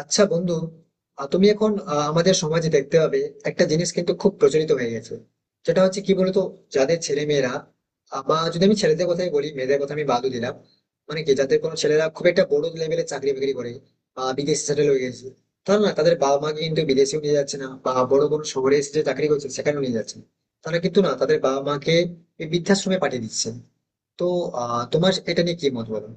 আচ্ছা বন্ধু, তুমি এখন আমাদের সমাজে দেখতে পাবে একটা জিনিস কিন্তু খুব প্রচলিত হয়ে গেছে। যেটা হচ্ছে কি বলতো? যাদের ছেলে মেয়েরা বা যদি আমি ছেলেদের কথাই বলি, মেয়েদের কথা আমি বাদও দিলাম। মানে কি, যাদের কোনো ছেলেরা খুব একটা বড় লেভেলে চাকরি বাকরি করে বা বিদেশে সেটেল হয়ে গেছে, তারা না তাদের বাবা মাকে কিন্তু বিদেশেও নিয়ে যাচ্ছে না বা বড় কোনো শহরে এসে যে চাকরি করছে সেখানেও নিয়ে যাচ্ছে না। তারা কিন্তু না তাদের বাবা মাকে এই বৃদ্ধাশ্রমে পাঠিয়ে দিচ্ছে। তো তোমার এটা নিয়ে কি মত বলো?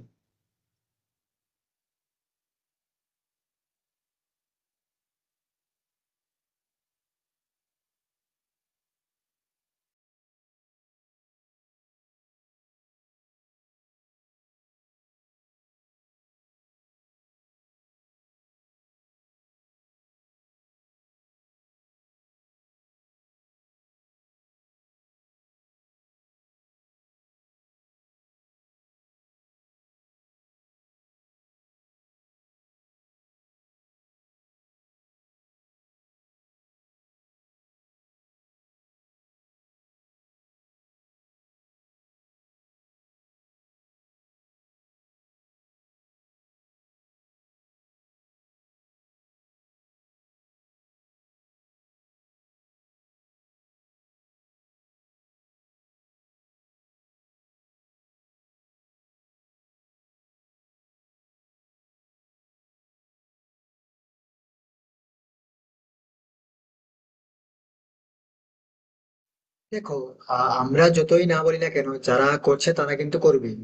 দেখো, আমরা যতই না বলি না কেন যারা করছে তারা কিন্তু করবেই।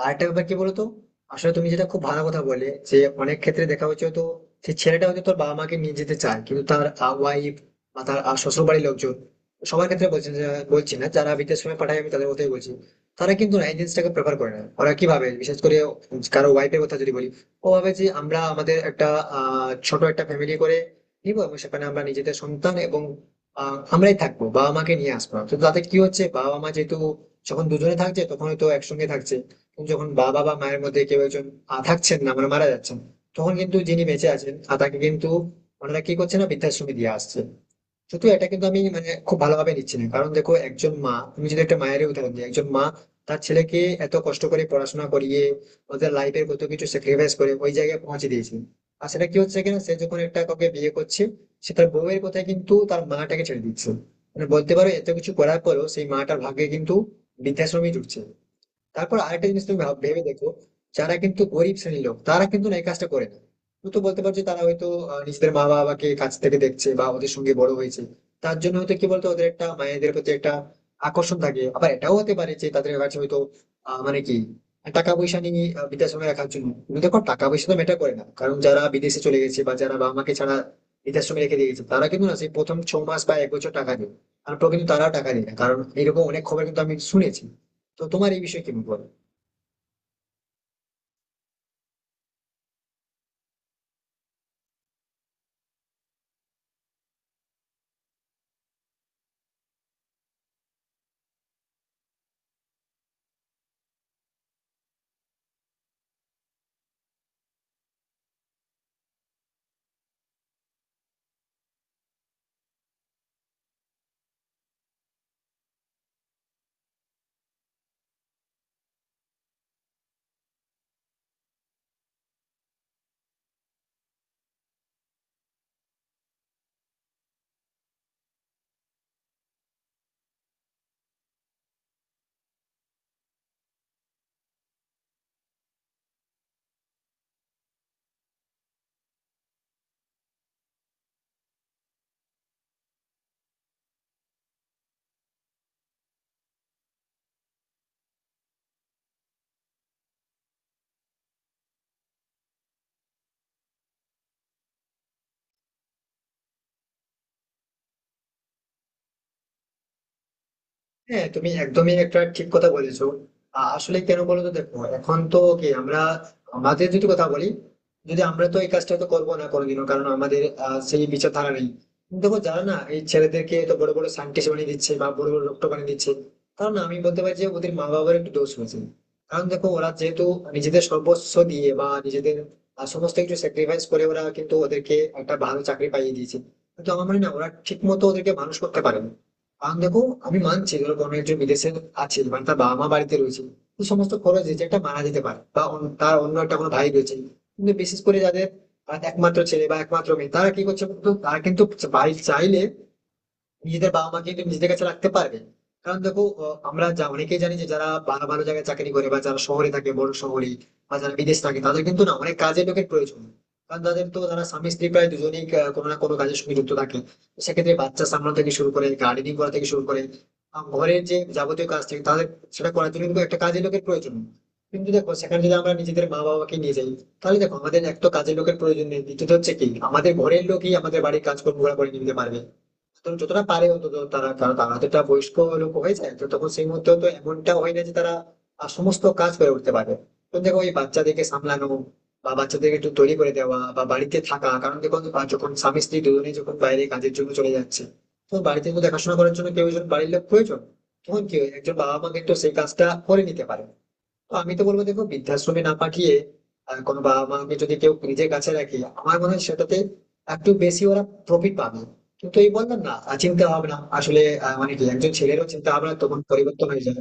আর একটা ব্যাপার কি বলতো? আসলে তুমি যেটা খুব ভালো কথা বলে যে অনেক ক্ষেত্রে দেখা হচ্ছে, তো সেই ছেলেটা হয়তো তোর বাবা মাকে নিয়ে যেতে চায় কিন্তু তার ওয়াইফ বা তার শ্বশুর বাড়ির লোকজন। সবার ক্ষেত্রে বলছি না, বলছি না, যারা বিদেশ সময় পাঠায় আমি তাদের কথাই বলছি। তারা কিন্তু না এই জিনিসটাকে প্রেফার করে না। ওরা কি ভাবে, বিশেষ করে কারো ওয়াইফের কথা যদি বলি, ও ভাবে যে আমরা আমাদের একটা ছোট একটা ফ্যামিলি করে নিবো, এবং সেখানে আমরা নিজেদের সন্তান এবং আমরাই থাকবো, বাবা মাকে নিয়ে আসবো না। তো তাতে কি হচ্ছে, বাবা মা যেহেতু যখন দুজনে থাকছে তখন হয়তো একসঙ্গে থাকছে, কিন্তু যখন বাবা বা মায়ের মধ্যে কেউ একজন থাকছেন না মানে মারা যাচ্ছেন, তখন কিন্তু যিনি বেঁচে আছেন তাকে কিন্তু ওনারা কি করছে না বৃদ্ধাশ্রমে দিয়ে আসছে। কিন্তু এটা কিন্তু আমি মানে খুব ভালোভাবে নিচ্ছি না, কারণ দেখো একজন মা, তুমি যদি একটা মায়ের উদাহরণ দিই, একজন মা তার ছেলেকে এত কষ্ট করে পড়াশোনা করিয়ে ওদের লাইফের কত কিছু স্যাক্রিফাইস করে ওই জায়গায় পৌঁছে দিয়েছে। আর সেটা কি হচ্ছে কিনা, সে যখন একটা কাউকে বিয়ে করছে সে তার বউয়ের কথায় কিন্তু তার মাটাকে ছেড়ে দিচ্ছে। মানে বলতে পারো এত কিছু করার পরেও সেই মাটার ভাগ্যে কিন্তু বৃদ্ধাশ্রমই জুটছে। তারপর আরেকটা জিনিস তুমি ভেবে দেখো। যারা কিন্তু গরিব শ্রেণীর লোক তারা কিন্তু না এই কাজটা করে না। তুমি তো বলতে পারছো যে তারা হয়তো নিজেদের মা বাবাকে কাছ থেকে দেখছে বা ওদের সঙ্গে বড় হয়েছে। তার জন্য হয়তো কি বলতো, ওদের একটা মায়েদের প্রতি একটা আকর্ষণ থাকে। আবার এটাও হতে পারে যে তাদের কাছে হয়তো মানে কি টাকা পয়সা নিয়ে বৃদ্ধাশ্রমে রাখার জন্য, কিন্তু দেখো টাকা পয়সা তো ম্যাটার করে না, কারণ যারা বিদেশে চলে গেছে বা যারা বাবা মাকে ছাড়া বৃদ্ধাশ্রমে রেখে দিয়ে গেছে তারা কিন্তু না সেই প্রথম 6 মাস বা এক বছর টাকা দেয়। তারপর কিন্তু তারা টাকা দেয় না, কারণ এরকম অনেক খবর কিন্তু আমি শুনেছি। তো তোমার এই বিষয়ে কি বল? হ্যাঁ, তুমি একদমই একটা ঠিক কথা বলেছো। আসলে কেন বলো তো, দেখো এখন তো কি আমরা, আমাদের যদি কথা বলি, যদি আমরা তো এই কাজটা তো করবো না কোনোদিনও, কারণ আমাদের সেই বিচারধারা নেই। কিন্তু দেখো যারা না এই ছেলেদেরকে তো বড় বড় সায়েন্টিস্ট বানিয়ে দিচ্ছে বা বড় বড় ডক্টর বানিয়ে দিচ্ছে, কারণ আমি বলতে পারি যে ওদের মা বাবার একটু দোষ হয়েছে। কারণ দেখো ওরা যেহেতু নিজেদের সর্বস্ব দিয়ে বা নিজেদের সমস্ত কিছু স্যাক্রিফাইস করে ওরা কিন্তু ওদেরকে একটা ভালো চাকরি পাইয়ে দিয়েছে, কিন্তু আমার মনে হয় না ওরা ঠিক মতো ওদেরকে মানুষ করতে পারেনি। কারণ দেখো, আমি মানছি, ধরো কোনো একজন বিদেশে আছে মানে তার বাবা মা বাড়িতে রয়েছে। তো সমস্ত খরচ যে একটা মানা যেতে পারে, বা তার অন্য একটা কোনো ভাই রয়েছে। কিন্তু বিশেষ করে যাদের একমাত্র ছেলে বা একমাত্র মেয়ে, তারা কি করছে বলতো, তারা কিন্তু বাড়ি চাইলে নিজেদের বাবা মাকে একটু নিজেদের কাছে রাখতে পারবেন। কারণ দেখো আমরা যা অনেকেই জানি যে যারা ভালো ভালো জায়গায় চাকরি করে বা যারা শহরে থাকে বড় শহরে বা যারা বিদেশ থাকে, তাদের কিন্তু না অনেক কাজের লোকের প্রয়োজন। কারণ তাদের তো, তারা স্বামী স্ত্রী প্রায় দুজনেই কোনো না কোনো কাজের সঙ্গে যুক্ত থাকে। তো সেক্ষেত্রে বাচ্চা সামলানো থেকে শুরু করে, গার্ডেনিং করা থেকে শুরু করে, ঘরের যে যাবতীয় কাজ থাকে তাদের, সেটা করার জন্য কিন্তু একটা কাজের লোকের প্রয়োজন। কিন্তু দেখো সেখানে যদি আমরা নিজেদের মা বাবাকে নিয়ে যাই, তাহলে দেখো আমাদের এক তো কাজের লোকের প্রয়োজন নেই, দ্বিতীয়ত হচ্ছে কি আমাদের ঘরের লোকই আমাদের বাড়ির কাজকর্ম করে নিতে পারবে। তো যতটা পারে অন্তত তারা, কারণ তারা তো একটা বয়স্ক লোক হয়ে যায়, তো তখন সেই মুহূর্তে তো এমনটা হয় না যে তারা সমস্ত কাজ করে উঠতে পারবে। তো দেখো, ওই বাচ্চাদেরকে সামলানো বা বাচ্চাদেরকে একটু তৈরি করে দেওয়া বা বাড়িতে থাকা, কারণ দেখো বা যখন স্বামী স্ত্রী দুজনেই যখন বাইরে কাজের জন্য চলে যাচ্ছে তখন বাড়িতে তো দেখাশোনা করার জন্য কেউ একজন বাড়ির লোক প্রয়োজন। তখন কি হয়, একজন বাবা মাকে একটু সেই কাজটা করে নিতে পারে। তো আমি তো বলবো দেখো, বৃদ্ধাশ্রমে না পাঠিয়ে কোনো বাবা মাকে যদি কেউ নিজের কাছে রাখে, আমার মনে হয় সেটাতে একটু বেশি ওরা প্রফিট পাবে। কিন্তু এই বললাম না, আর চিন্তা ভাবনা আসলে মানে কি একজন ছেলেরও চিন্তা ভাবনা তখন পরিবর্তন হয়ে যাবে।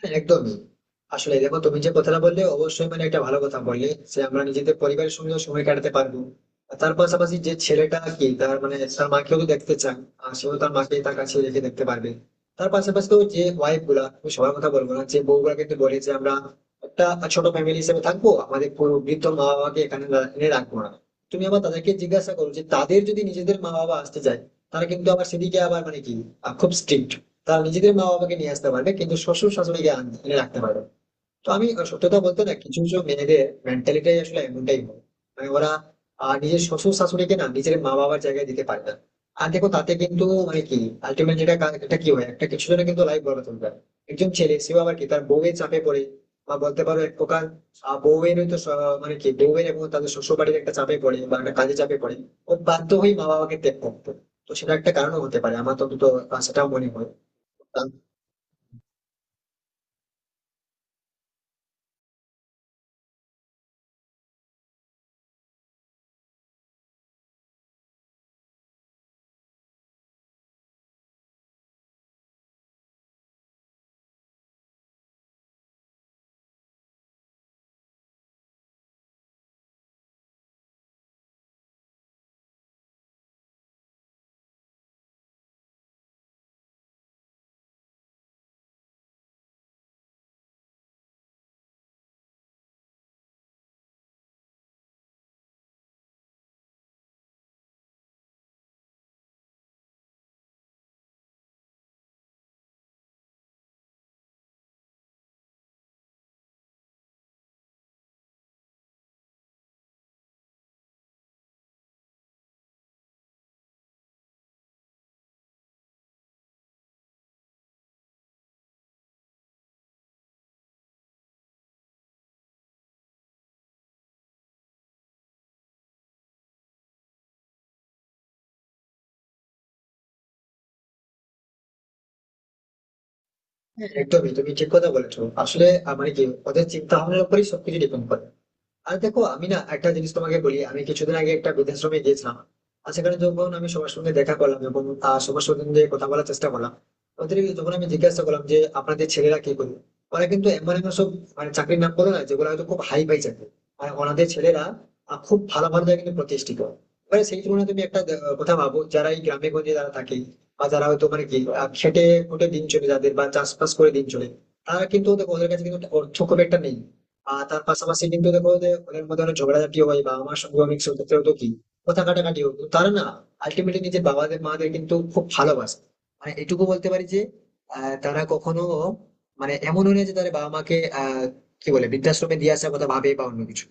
হ্যাঁ, একদমই। আসলে দেখো, তুমি যে কথাটা বললে অবশ্যই মানে একটা ভালো কথা বললে যে আমরা নিজেদের পরিবারের সঙ্গেও সময় কাটাতে পারবো। আর তার পাশাপাশি যে ছেলেটা কি, তার মানে তার মাকেও তো দেখতে চান, আর সেও তার মাকে তার কাছে রেখে দেখতে পারবে। তার পাশাপাশি তো যে ওয়াইফ গুলা, আমি সবার কথা বলবো না, যে বউগুলা কিন্তু বলে যে আমরা একটা ছোট ফ্যামিলি হিসেবে থাকবো, আমাদের কোনো বৃদ্ধ মা বাবাকে এখানে এনে রাখবো না। তুমি আবার তাদেরকে জিজ্ঞাসা করো যে তাদের যদি নিজেদের মা বাবা আসতে চায়, তারা কিন্তু আবার সেদিকে আবার মানে কি খুব স্ট্রিক্ট। তারা নিজেদের মা বাবাকে নিয়ে আসতে পারবে, কিন্তু শ্বশুর শাশুড়িকে এনে রাখতে পারবে না। তো আমি সত্যতা বলতে না, কিছু কিছু মেয়েদের মেন্টালিটাই আসলে এমনটাই হয়। মানে ওরা নিজের শ্বশুর শাশুড়িকে না নিজের মা বাবার জায়গায় দিতে পারে না। আর দেখো তাতে কিন্তু মানে কি, আলটিমেট যেটা এটা কি হয়, একটা কিছু জনের কিন্তু লাইফ বরবাদ হয়ে যায়। একজন ছেলে, সেও আবার কি তার বউয়ের চাপে পড়ে, বা বলতে পারো এক প্রকার বউয়ের তো মানে কি বউয়ের এবং তাদের শ্বশুর বাড়ির একটা চাপে পড়ে বা একটা কাজে চাপে পড়ে ও বাধ্য হয়ে মা বাবাকে ত্যাগ করতে। তো সেটা একটা কারণও হতে পারে, আমার তো দুটো সেটাও মনে হয় তার। একদমই তুমি ঠিক কথা বলেছো, আসলে মানে কি ওদের চিন্তা ভাবনার উপরই সবকিছু ডিপেন্ড করে। আর দেখো আমি না একটা জিনিস তোমাকে বলি, আমি কিছুদিন আগে একটা বৃদ্ধাশ্রমে গিয়েছিলাম। আর সেখানে যখন আমি সবার সঙ্গে দেখা করলাম এবং সবার সঙ্গে কথা বলার চেষ্টা করলাম। ওদের যখন আমি জিজ্ঞাসা করলাম যে আপনাদের ছেলেরা কি করবে, ওরা কিন্তু এমন এমন সব মানে চাকরির নাম বলে না যেগুলো হয়তো খুব হাই ফাই চাকরি। আর ওনাদের ছেলেরা খুব ভালো ভালো জায়গায় কিন্তু প্রতিষ্ঠিত। এবারে সেই তুলনায় তুমি একটা কথা ভাবো, যারা এই গ্রামে গঞ্জে যারা থাকে, বা যারা হয়তো মানে কি খেটে খুটে দিন চলে যাদের বা চাষবাস করে দিন চলে, তারা কিন্তু দেখো ওদের কাছে কিন্তু অর্থ খুব একটা নেই। আর তার পাশাপাশি কিন্তু দেখো যে ওদের মধ্যে অনেক ঝগড়াঝাটি হয় বা আমার সঙ্গে অনেক সেক্ষেত্রে হতো কি কথা কাটাকাটি হতো, তারা না আলটিমেটলি নিজের বাবাদের মাদের কিন্তু খুব ভালোবাসে। মানে এটুকু বলতে পারি যে তারা কখনো মানে এমন নয় যে তাদের বাবা মাকে কি বলে বৃদ্ধাশ্রমে দিয়ে আসার কথা ভাবে বা অন্য কিছু।